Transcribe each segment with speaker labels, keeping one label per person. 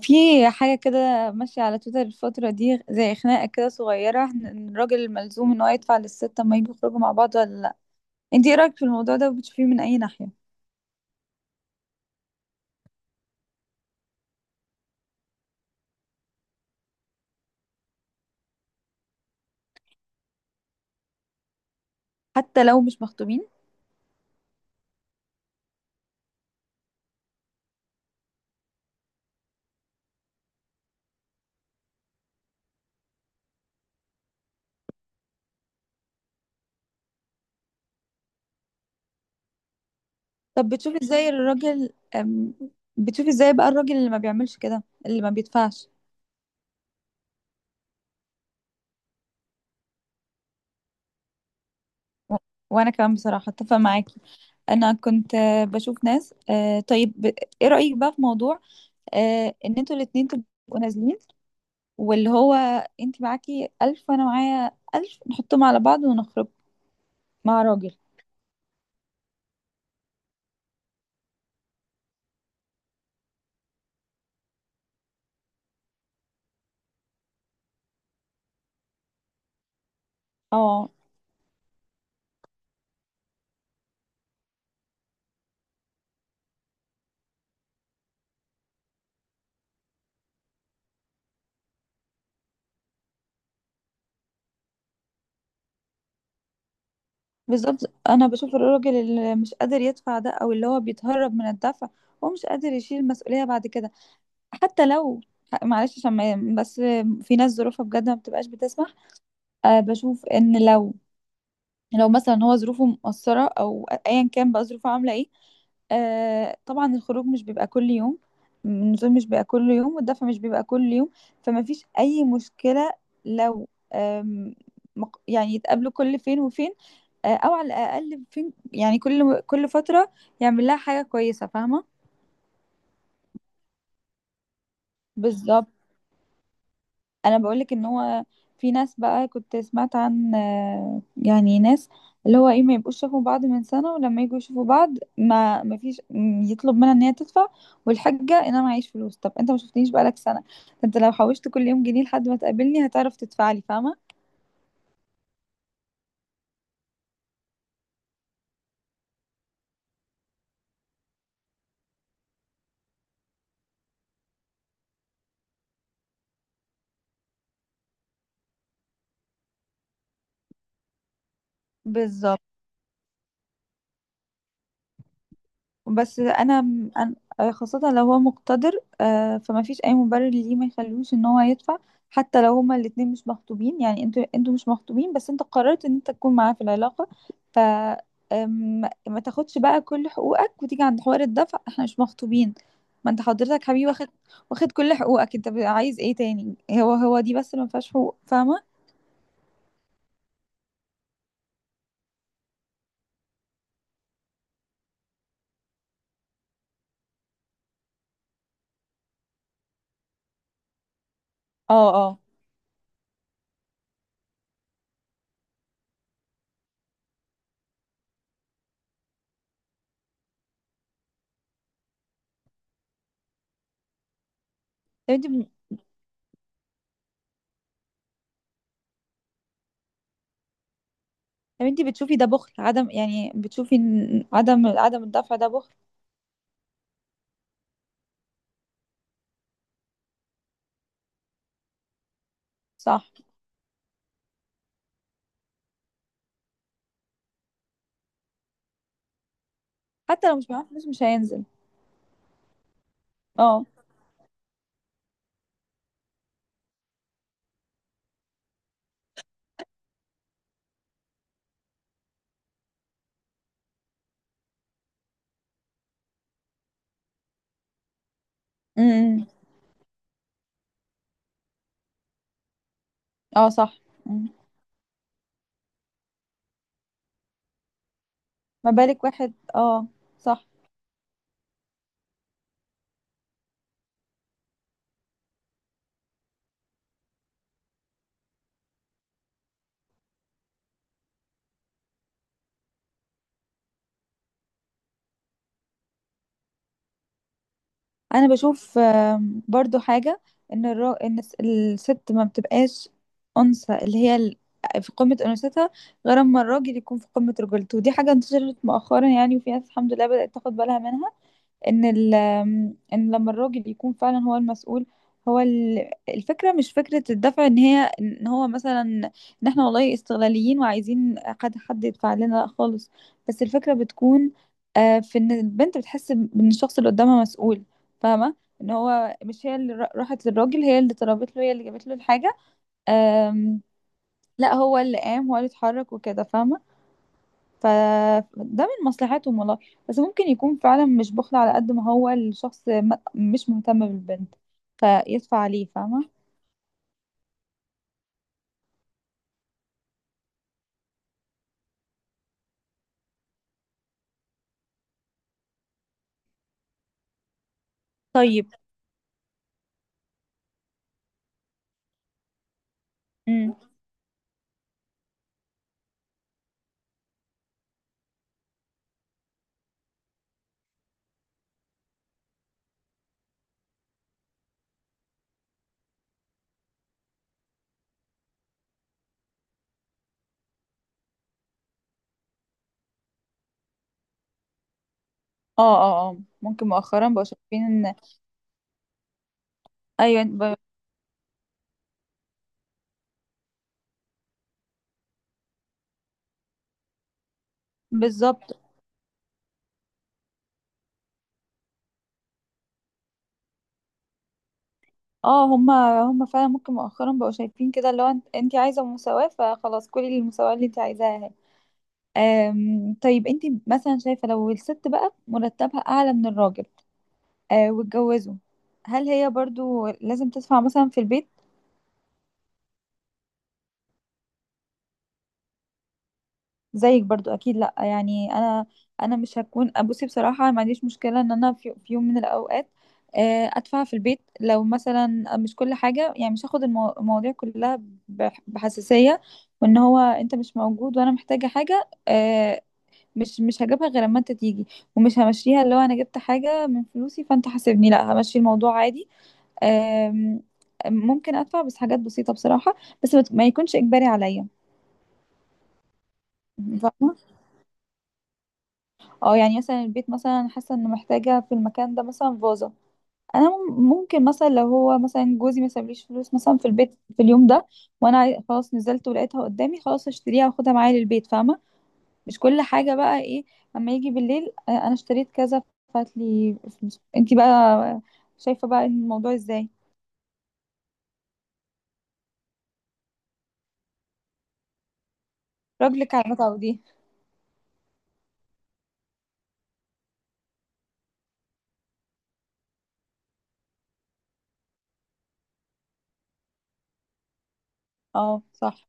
Speaker 1: في حاجة كده ماشية على تويتر الفترة دي، زي خناقة كده صغيرة، إن الراجل ملزوم ان هو يدفع للست اما يجوا يخرجوا مع بعض ولا لا. انتي ايه رأيك في الموضوع ده، وبتشوفيه من اي ناحية؟ حتى لو مش مخطوبين؟ طب بتشوفي ازاي الراجل أم، بتشوفي ازاي بقى الراجل اللي ما بيعملش كده، اللي ما بيدفعش؟ و- وانا كمان بصراحة اتفق معاكي. انا كنت، بشوف ناس، طيب. ايه رأيك بقى في موضوع، ان انتوا الاتنين تبقوا نازلين، واللي هو انت معاكي 1000 وأنا معايا 1000 نحطهم على بعض ونخرج مع راجل. اه، بالظبط. أنا بشوف الراجل اللي مش قادر يدفع ده، أو اللي هو بيتهرب من الدفع. هو مش قادر يشيل المسؤولية بعد كده. حتى لو، معلش عشان بس، في ناس ظروفها بجد ما بتبقاش بتسمح. أه، بشوف إن لو مثلا هو ظروفه مقصرة، أو أيا كان بقى ظروفه عاملة ايه. آه، طبعا الخروج مش بيبقى كل يوم، النزول مش بيبقى كل يوم، والدفع مش بيبقى كل يوم. فما فيش أي مشكلة لو، آم، يعني يتقابلوا كل فين وفين، أو على الأقل فين، يعني كل فترة يعمل لها حاجة كويسة، فاهمة؟ بالظبط. انا بقولك ان هو، في ناس بقى كنت سمعت عن، يعني ناس، اللي هو ايه، ما يبقوش شافوا بعض من سنة، ولما يجوا يشوفوا بعض ما فيش، يطلب منها ان هي تدفع. والحجة ان انا معيش فلوس، طب انت ما شفتنيش بقالك سنة؟ انت لو حوشت كل يوم جنيه، لحد ما تقابلني هتعرف تدفعلي، فاهمة؟ بالظبط. بس أنا- خاصة لو هو مقتدر. فما فيش اي مبرر ليه ما يخلوش ان هو يدفع. حتى لو هما الاتنين مش مخطوبين، يعني انتوا مش مخطوبين، بس انت قررت ان انت تكون معاه في العلاقة. ف آم، ما تاخدش بقى كل حقوقك وتيجي عند حوار الدفع احنا مش مخطوبين. ما انت حضرتك حبيبي، واخد كل حقوقك، انت بقى عايز ايه تاني؟ هو دي بس اللي ما فيهاش حقوق، فاهمة؟ اه، اه. طب انت طب انت بتشوفي ده بخل، عدم، يعني بتشوفي ان عدم الدفع ده بخل؟ صح. حتى لو مش معاه فلوس مش هينزل. اه. امم. اه. صح. مم. ما بالك واحد؟ اه. صح. انا بشوف، برضو حاجة، ان ان الست ما بتبقاش انثى، اللي هي في قمة انوثتها، غير اما الراجل يكون في قمة رجولته. ودي حاجة انتشرت مؤخرا يعني، وفي ناس الحمد لله بدأت تاخد بالها منها. ان ال ان لما الراجل يكون فعلا هو المسؤول. هو الفكره، مش فكره الدفع، ان هو مثلا، ان احنا والله استغلاليين وعايزين حد يدفع لنا، لا خالص. بس الفكره بتكون، في ان البنت بتحس ان الشخص اللي قدامها مسؤول. فاهمه، ان هو مش هي اللي راحت للراجل، هي اللي طلبت له، هي اللي جابت له الحاجه. آم، لا، هو اللي قام، هو اللي اتحرك وكده، فاهمه. فده من مصلحتهم والله. بس ممكن يكون فعلا مش بخل، على قد ما هو الشخص مش مهتم بالبنت، فيدفع عليه، فاهمة؟ طيب. امم. اه، اه، اه، ممكن مؤخرا بقوا شايفين ان، ايوه. بالظبط. اه. هما فعلا ممكن مؤخرا بقوا شايفين كده، اللي هو انت عايزة مساواة، فخلاص كلي المساواة اللي انت عايزاها اهي. طيب، انت مثلا شايفة لو الست بقى مرتبها اعلى من الراجل، واتجوزوا، هل هي برضو لازم تدفع مثلا في البيت؟ زيك برضو اكيد لا، يعني انا مش هكون، بصي بصراحه، ما عنديش مشكله ان انا في يوم من الاوقات، ادفع في البيت، لو مثلا مش كل حاجه يعني، مش هاخد المواضيع كلها بحساسيه. وان هو، انت مش موجود وانا محتاجه حاجه، مش هجيبها غير اما انت تيجي. ومش همشيها اللي هو انا جبت حاجه من فلوسي فانت حاسبني، لا همشي الموضوع عادي. آم، ممكن ادفع بس حاجات بسيطه بصراحه. بس ما يكونش اجباري عليا، فاهمة؟ اه. يعني مثلا البيت، مثلا حاسه انه محتاجه في المكان ده مثلا فازه، انا ممكن مثلا، لو هو مثلا جوزي ما سابليش فلوس مثلا في البيت في اليوم ده، وانا خلاص نزلت ولقيتها قدامي، خلاص اشتريها واخدها معايا للبيت، فاهمه. مش كل حاجه بقى ايه. اما يجي بالليل، انا اشتريت كذا، فات لي فلوس، انتي بقى شايفه بقى الموضوع ازاي؟ رجلك على المتعه دي. اه، صح،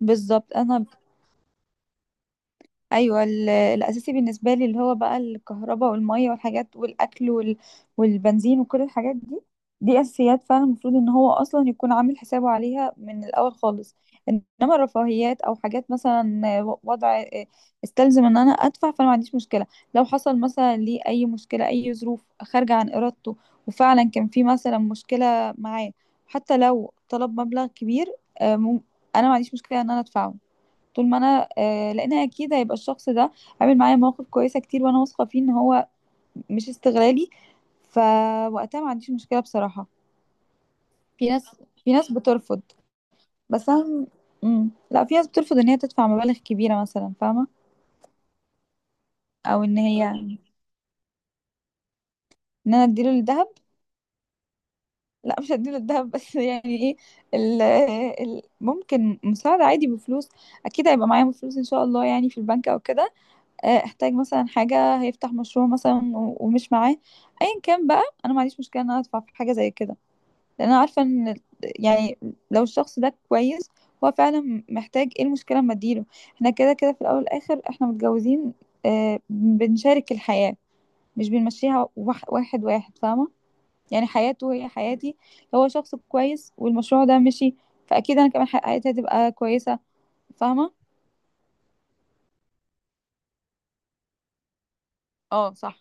Speaker 1: بالظبط. انا، ايوه الاساسي بالنسبه لي، اللي هو بقى الكهرباء والميه والحاجات والاكل والبنزين وكل الحاجات دي. دي اساسيات فعلا، المفروض ان هو اصلا يكون عامل حسابه عليها من الاول خالص. انما الرفاهيات، او حاجات مثلا وضع استلزم ان انا ادفع، فانا ما عنديش مشكله. لو حصل مثلا لي اي مشكله، اي ظروف خارجه عن ارادته، وفعلا كان في مثلا مشكله معاه، حتى لو طلب مبلغ كبير، آه، مم- انا ما عنديش مشكله ان انا ادفعه. طول ما انا، لان اكيد هيبقى الشخص ده عامل معايا مواقف كويسه كتير، وانا واثقه فيه ان هو مش استغلالي. فوقتها ما عنديش مشكله بصراحه. في ناس في ناس بترفض. بس انا، لا، في ناس بترفض ان هي تدفع مبالغ كبيره مثلا، فاهمه. او ان انا اديله الذهب. لا، مش هديله الذهب بس يعني ايه، ال ال ممكن مساعده عادي بفلوس. اكيد هيبقى معايا فلوس ان شاء الله، يعني في البنك او كده. احتاج مثلا حاجة، هيفتح مشروع مثلا ومش معاه، ايا كان بقى، انا ما عنديش مشكلة ان انا ادفع في حاجة زي كده. لان انا عارفة ان يعني، لو الشخص ده كويس، هو فعلا محتاج، ايه المشكلة اما اديله؟ احنا كده كده في الاول والاخر احنا متجوزين، بنشارك الحياة، مش بنمشيها واحد واحد، فاهمة؟ يعني حياته هي حياتي، لو هو شخص كويس والمشروع ده مشي، فاكيد انا كمان حياتي هتبقى كويسة، فاهمة؟ اه، صح.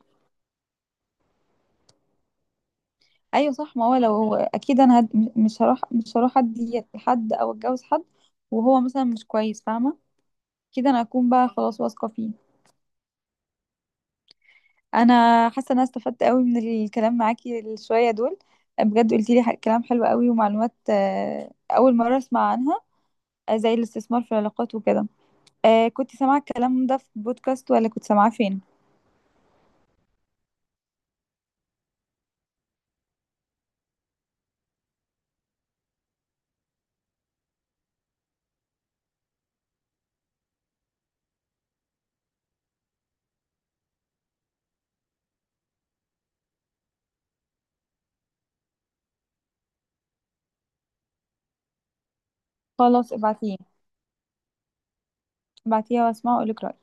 Speaker 1: ايوه صح. ما هو لو، اكيد انا مش هروح ادي لحد او اتجوز حد وهو مثلا مش كويس، فاهمه. كده انا اكون بقى خلاص واثقه فيه. انا حاسه ان انا استفدت قوي من الكلام معاكي الشويه دول. بجد قلتي لي كلام حلو قوي، ومعلومات اول مره اسمع عنها، زي الاستثمار في العلاقات وكده. كنت سامعه الكلام ده في بودكاست، ولا كنت سامعاه فين؟ خلاص، ابعتيه، ابعتيها واسمعه واقولك رايي.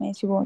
Speaker 1: ماشي، باي.